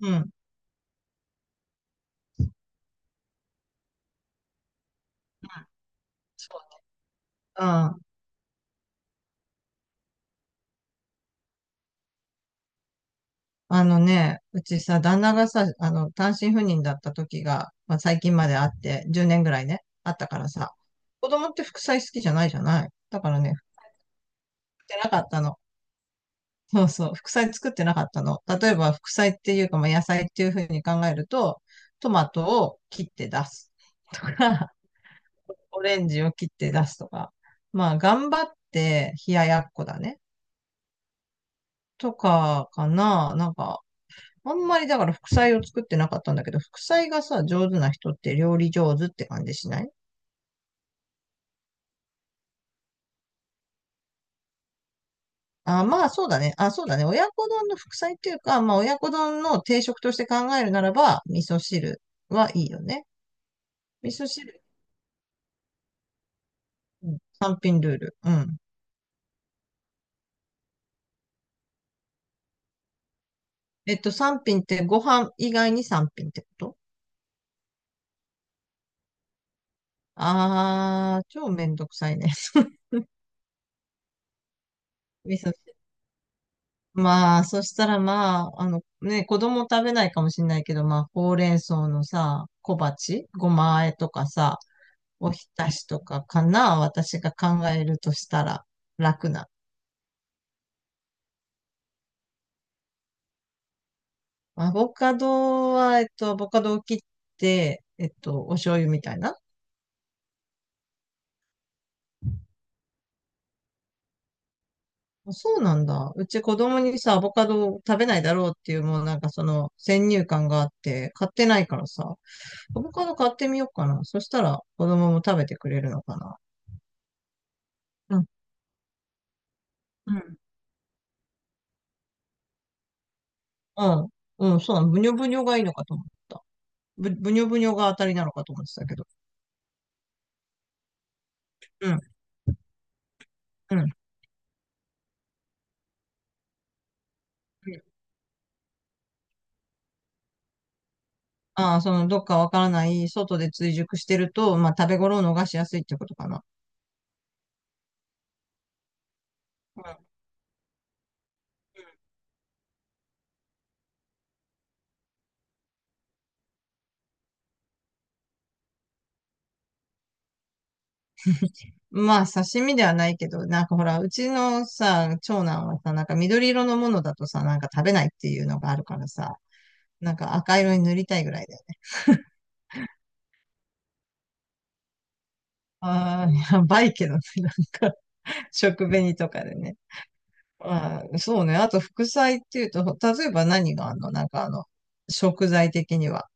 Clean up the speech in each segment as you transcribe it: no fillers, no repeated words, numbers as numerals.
うん。そうね。ああ、あのね、うちさ、旦那がさ、単身赴任だった時が、まあ、最近まであって、10年ぐらいね、あったからさ、子供って副菜好きじゃないじゃない。だからね、振ってなかったの。そうそう、副菜作ってなかったの。例えば、副菜っていうか、まあ、野菜っていうふうに考えると、トマトを切って出すとか、オレンジを切って出すとか、まあ、頑張って冷ややっこだね。とかかな。なんか、あんまりだから副菜を作ってなかったんだけど、副菜がさ、上手な人って料理上手って感じしない？あ、まあそうだね。あ、そうだね。親子丼の副菜っていうか、まあ親子丼の定食として考えるならば、味噌汁はいいよね。味噌汁、うん、3品ルール。うん。3品ってご飯以外に3品ってこと？あー、超めんどくさいね。味噌汁。まあ、そしたらまあ、あのね、子供食べないかもしれないけど、まあ、ほうれん草のさ、小鉢、ごま和えとかさ、おひたしとかかな、私が考えるとしたら楽な。アボカドは、アボカドを切って、お醤油みたいな。あ、そうなんだ。うち子供にさ、アボカドを食べないだろうっていう、もうなんかその先入観があって、買ってないからさ、アボカド買ってみようかな。そしたら子供も食べてくれるのかな。うんうん。うん、そうなの。ぶにょぶにょがいいのかと思った。ぶにょぶにょが当たりなのかと思ってたけど。うん、うん。ああ、その、どっかわからない、外で追熟してると、まあ、食べ頃を逃しやすいってことかな。うん。まあ、刺身ではないけど、なんかほら、うちのさ、長男はさ、なんか緑色のものだとさ、なんか食べないっていうのがあるからさ、なんか赤色に塗りたいぐらいだよね。ああ、やばいけどね、なんか、食紅とかでね。あー、そうね。あと、副菜っていうと、例えば何があんの？なんか、食材的には。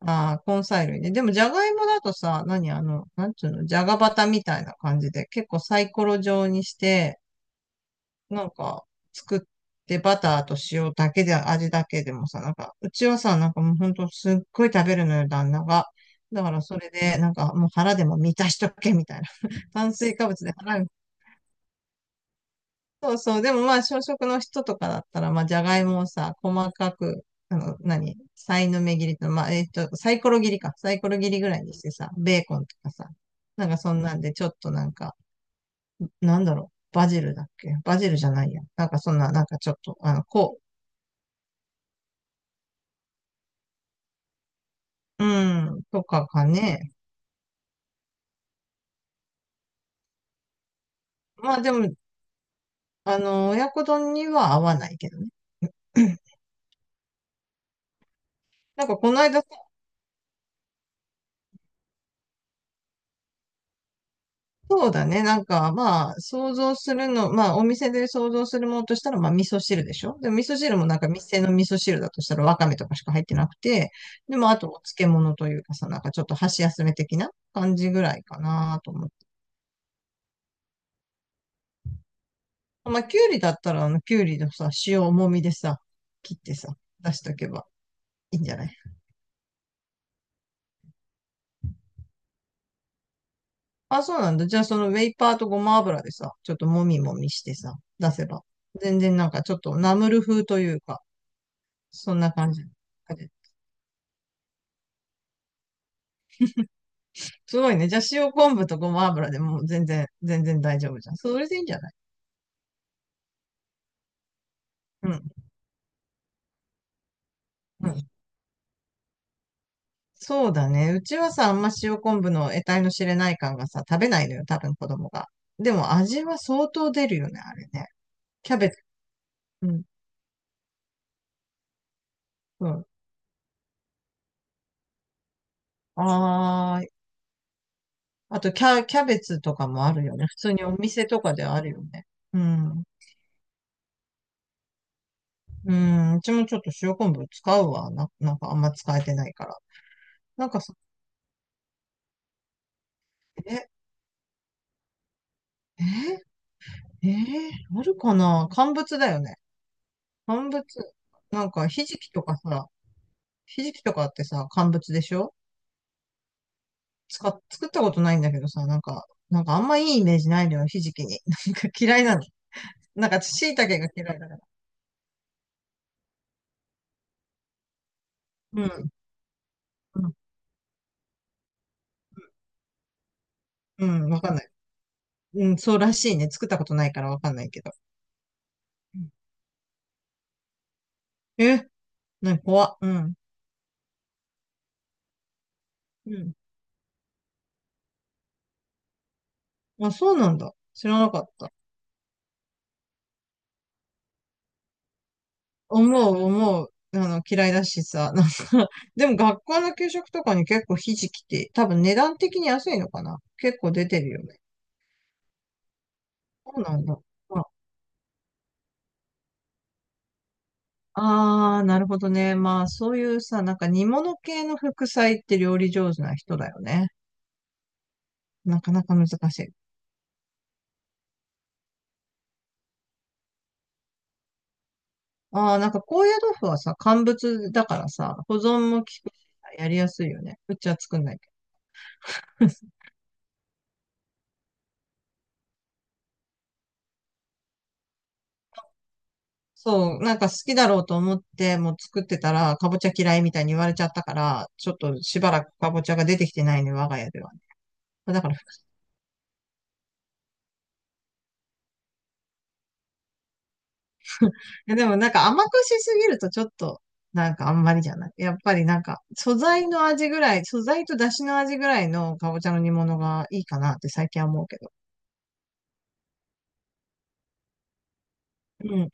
ああ、根菜類ね。でも、じゃがいもだとさ、何なんていうの、じゃがバタみたいな感じで、結構サイコロ状にして、なんか、作って、バターと塩だけで、味だけでもさ、なんか、うちはさ、なんかもうほんとすっごい食べるのよ、旦那が。だから、それで、なんか、もう腹でも満たしとけ、みたいな。炭水化物で腹。そうそう。でもまあ、小食の人とかだったら、まあ、じゃがいもをさ、細かく、何さいの目切りと、まあ、サイコロ切りか。サイコロ切りぐらいにしてさ、ベーコンとかさ、なんかそんなんで、ちょっとなんか、なんだろう、バジルだっけ？バジルじゃないや。なんかそんな、なんかちょっと、こう、うん、とかかね。まあでも、親子丼には合わないけどね。なんかこの間、そうだね。なんか、まあ、想像するの、まあ、お店で想像するものとしたら、まあ、味噌汁でしょ。でも、味噌汁もなんか、店の味噌汁だとしたら、わかめとかしか入ってなくて、でも、あと、お漬物というかさ、なんか、ちょっと箸休め的な感じぐらいかなと思って。まあ、きゅうりだったら、きゅうりのさ、塩もみでさ、切ってさ、出しとけばいいんじゃない？あ、そうなんだ。じゃあ、その、ウェイパーとごま油でさ、ちょっともみもみしてさ、出せば。全然なんか、ちょっとナムル風というか、そんな感じ。すごいね。じゃあ塩昆布とごま油でもう全然、全然大丈夫じゃん。それでいいんじゃない？うん。うん。そうだね。うちはさ、あんま塩昆布の得体の知れない感がさ、食べないのよ。多分子供が。でも味は相当出るよね、あれね。キャベツ。うん。うん。あー、あとキャベツとかもあるよね。普通にお店とかであるよね。うん。うん。うちもちょっと塩昆布使うわ。なんかあんま使えてないから。なんかさ、え、え、あるかな？乾物だよね。乾物、なんか、ひじきとかさ、ひじきとかってさ、乾物でしょ？作ったことないんだけどさ、なんかあんまいいイメージないのよ、ひじきに。なんか嫌いなの。なんか、椎茸が嫌いだから。うん、うん、うん、わかんない。うん、そうらしいね。作ったことないからわかんないけど。うん。え、なんか怖、うん、うん。あ、そうなんだ。知らなかった。思う、思う。あの、嫌いだしさ、なんか でも学校の給食とかに結構ひじきって、多分値段的に安いのかな？結構出てるよね。そうなんだ。まあ、あー、なるほどね。まあ、そういうさ、なんか煮物系の副菜って料理上手な人だよね。なかなか難しい。ああ、なんか高野豆腐はさ、乾物だからさ、保存も効くし、やりやすいよね。うちは作んないけど。そう、なんか好きだろうと思って、もう作ってたら、かぼちゃ嫌いみたいに言われちゃったから、ちょっとしばらくかぼちゃが出てきてないね、我が家では。だから、やでもなんか甘くしすぎるとちょっと、なんかあんまりじゃない。やっぱりなんか素材の味ぐらい、素材と出汁の味ぐらいのかぼちゃの煮物がいいかなって最近は思うけど。うん、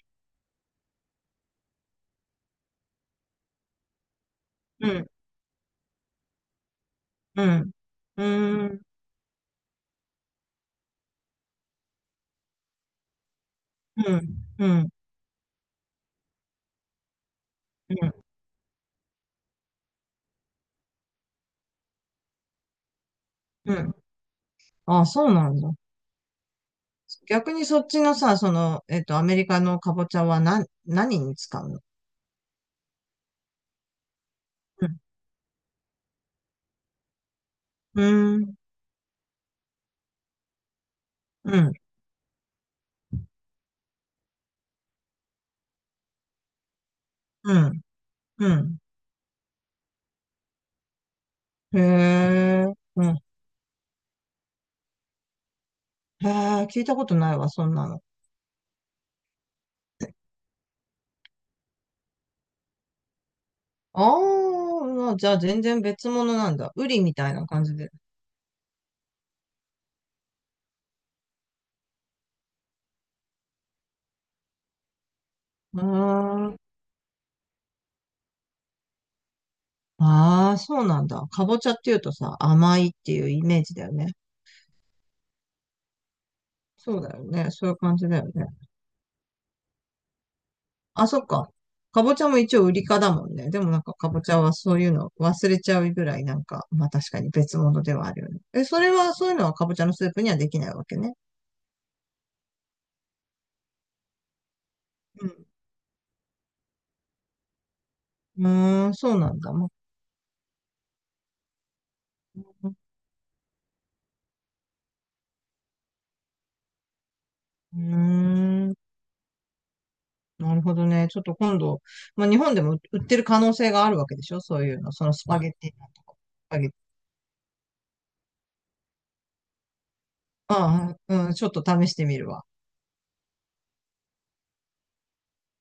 うん、うん、うん、うん、うん、うん、うん。あ、そうなんだ。逆にそっちのさ、その、アメリカのかぼちゃは何、何に使うの？うん、うん、うん、うん。うん、へえ、うん。へえ、聞いたことないわ、そんなの。ああ、まあじゃあ全然別物なんだ。ウリみたいな感じで。うーん。ああ、そうなんだ。かぼちゃっていうとさ、甘いっていうイメージだよね。そうだよね。そういう感じだよね。あ、そっか。かぼちゃも一応ウリかだもんね。でもなんかかぼちゃはそういうの忘れちゃうぐらいなんか、まあ確かに別物ではあるよね。え、それは、そういうのはかぼちゃのスープにはできないわけね。うん。うーん、そうなんだ。まあ、うーん。なるほどね。ちょっと今度、まあ、日本でも売ってる可能性があるわけでしょ？そういうの。そのスパゲッティのとか。スパゲッティ。ああ、うん、ちょっと試してみるわ。